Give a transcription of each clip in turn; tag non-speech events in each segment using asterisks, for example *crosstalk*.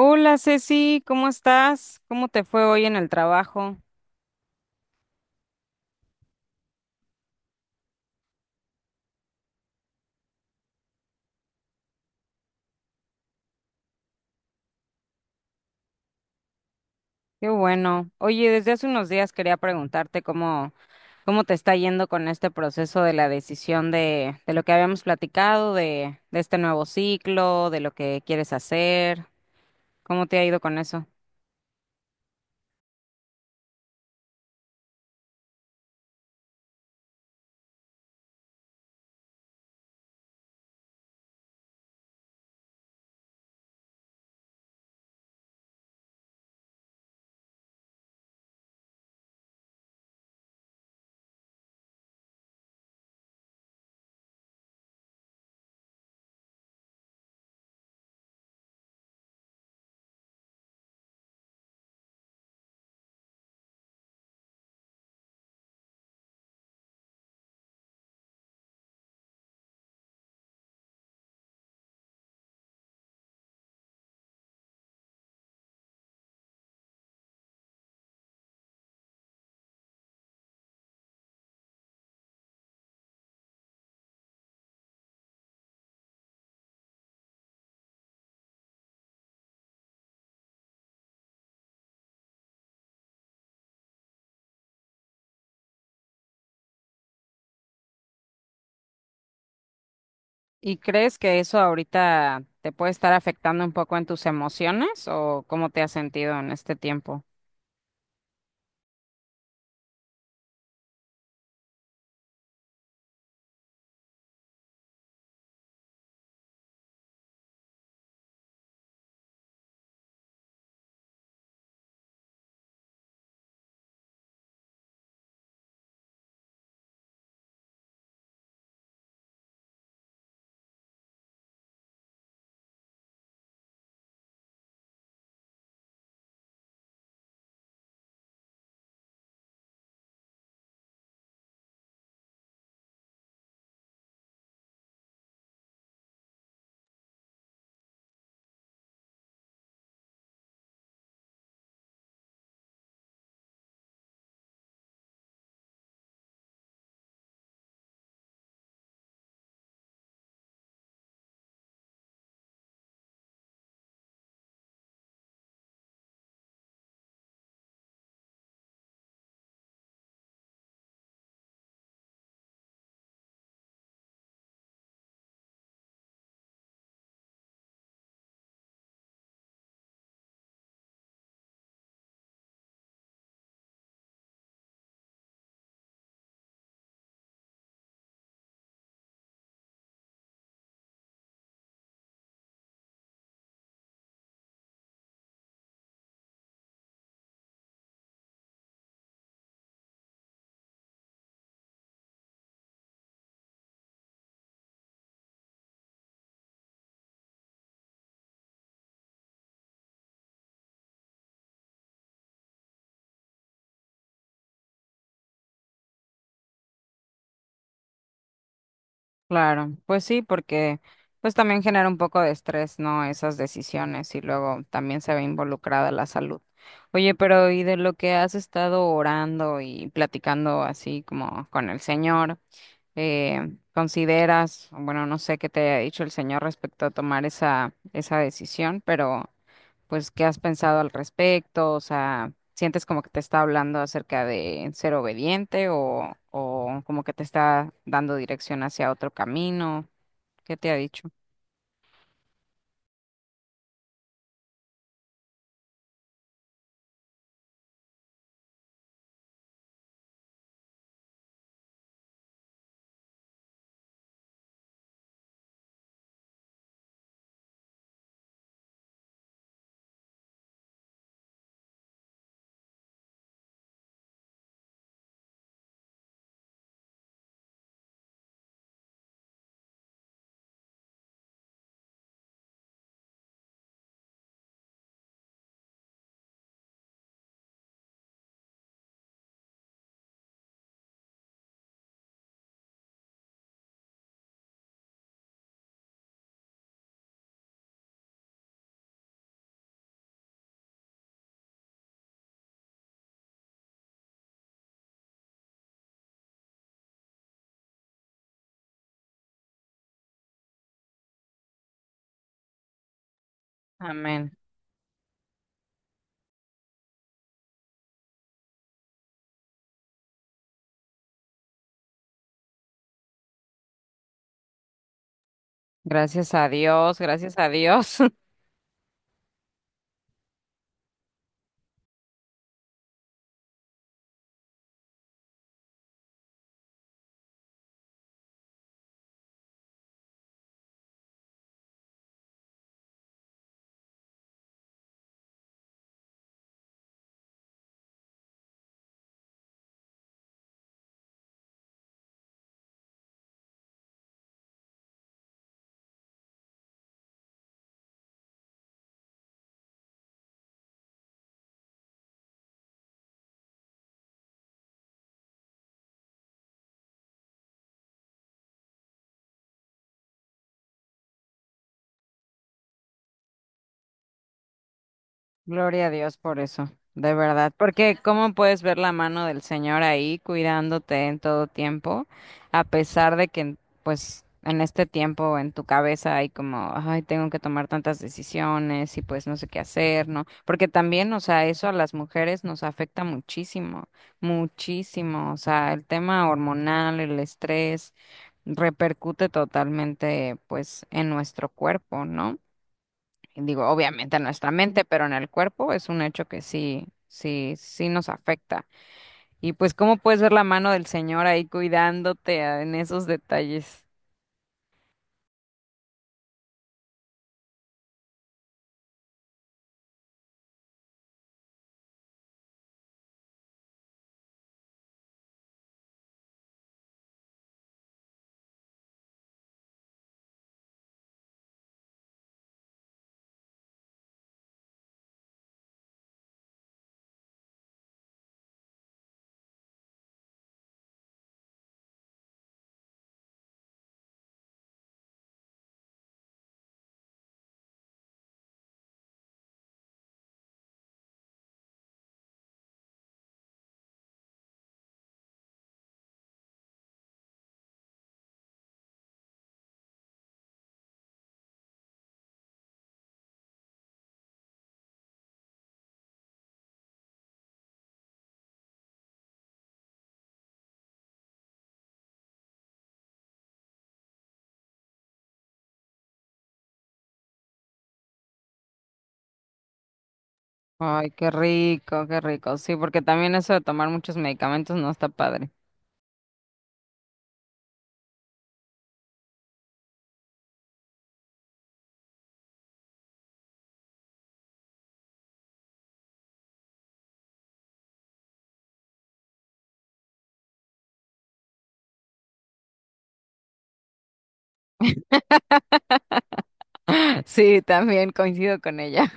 Hola Ceci, ¿cómo estás? ¿Cómo te fue hoy en el trabajo? Qué bueno. Oye, desde hace unos días quería preguntarte cómo te está yendo con este proceso de la decisión de lo que habíamos platicado, de este nuevo ciclo, de lo que quieres hacer. ¿Cómo te ha ido con eso? ¿Y crees que eso ahorita te puede estar afectando un poco en tus emociones o cómo te has sentido en este tiempo? Claro, pues sí, porque pues también genera un poco de estrés, ¿no? Esas decisiones y luego también se ve involucrada la salud. Oye, pero ¿y de lo que has estado orando y platicando así como con el Señor, consideras, bueno, no sé qué te haya dicho el Señor respecto a tomar esa, esa decisión, pero pues, ¿qué has pensado al respecto? O sea, ¿sientes como que te está hablando acerca de ser obediente o como que te está dando dirección hacia otro camino? ¿Qué te ha dicho? Amén. Gracias a Dios, gracias a Dios. *laughs* Gloria a Dios por eso, de verdad, porque ¿cómo puedes ver la mano del Señor ahí cuidándote en todo tiempo, a pesar de que, pues, en este tiempo en tu cabeza hay como, ay, tengo que tomar tantas decisiones y pues no sé qué hacer, ¿no? Porque también, o sea, eso a las mujeres nos afecta muchísimo, muchísimo, o sea, el tema hormonal, el estrés, repercute totalmente, pues, en nuestro cuerpo, ¿no? Digo, obviamente en nuestra mente, pero en el cuerpo es un hecho que sí, sí, sí nos afecta. Y pues, ¿cómo puedes ver la mano del Señor ahí cuidándote en esos detalles? Ay, qué rico, qué rico. Sí, porque también eso de tomar muchos medicamentos no está padre. *laughs* Sí, también coincido con ella.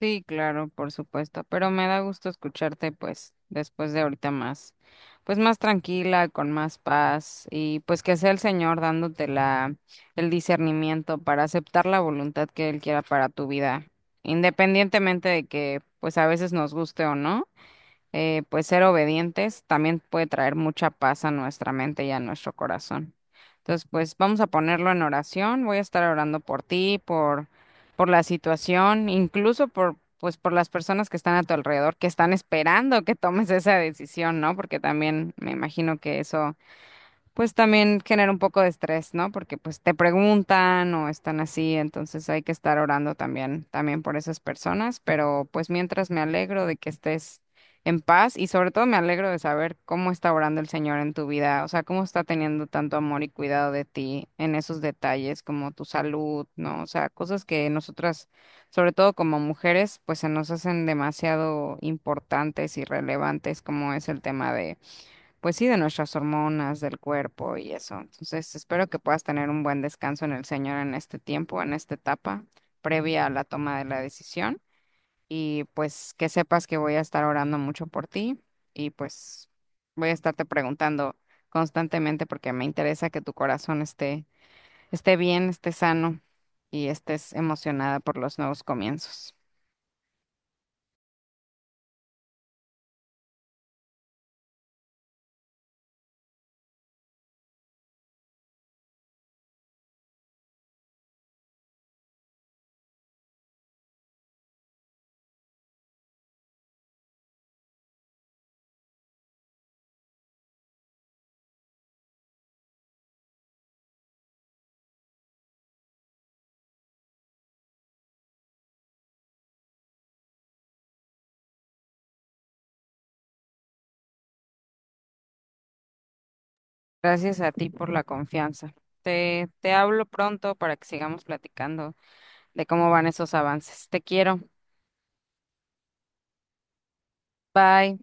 Sí, claro, por supuesto, pero me da gusto escucharte pues después de ahorita más, pues más tranquila, con más paz y pues que sea el Señor dándote la, el discernimiento para aceptar la voluntad que Él quiera para tu vida, independientemente de que pues a veces nos guste o no pues ser obedientes también puede traer mucha paz a nuestra mente y a nuestro corazón. Entonces, pues vamos a ponerlo en oración. Voy a estar orando por ti, por la situación, incluso por, pues, por las personas que están a tu alrededor, que están esperando que tomes esa decisión, ¿no? Porque también me imagino que eso pues también genera un poco de estrés, ¿no? Porque pues te preguntan o están así, entonces hay que estar orando también, también por esas personas, pero pues mientras me alegro de que estés en paz y sobre todo me alegro de saber cómo está orando el Señor en tu vida, o sea, cómo está teniendo tanto amor y cuidado de ti en esos detalles como tu salud, ¿no? O sea, cosas que nosotras, sobre todo como mujeres, pues se nos hacen demasiado importantes y relevantes como es el tema de pues sí, de nuestras hormonas, del cuerpo y eso. Entonces, espero que puedas tener un buen descanso en el Señor en este tiempo, en esta etapa previa a la toma de la decisión. Y pues que sepas que voy a estar orando mucho por ti y pues voy a estarte preguntando constantemente porque me interesa que tu corazón esté, esté bien, esté sano y estés emocionada por los nuevos comienzos. Gracias a ti por la confianza. Te hablo pronto para que sigamos platicando de cómo van esos avances. Te quiero. Bye.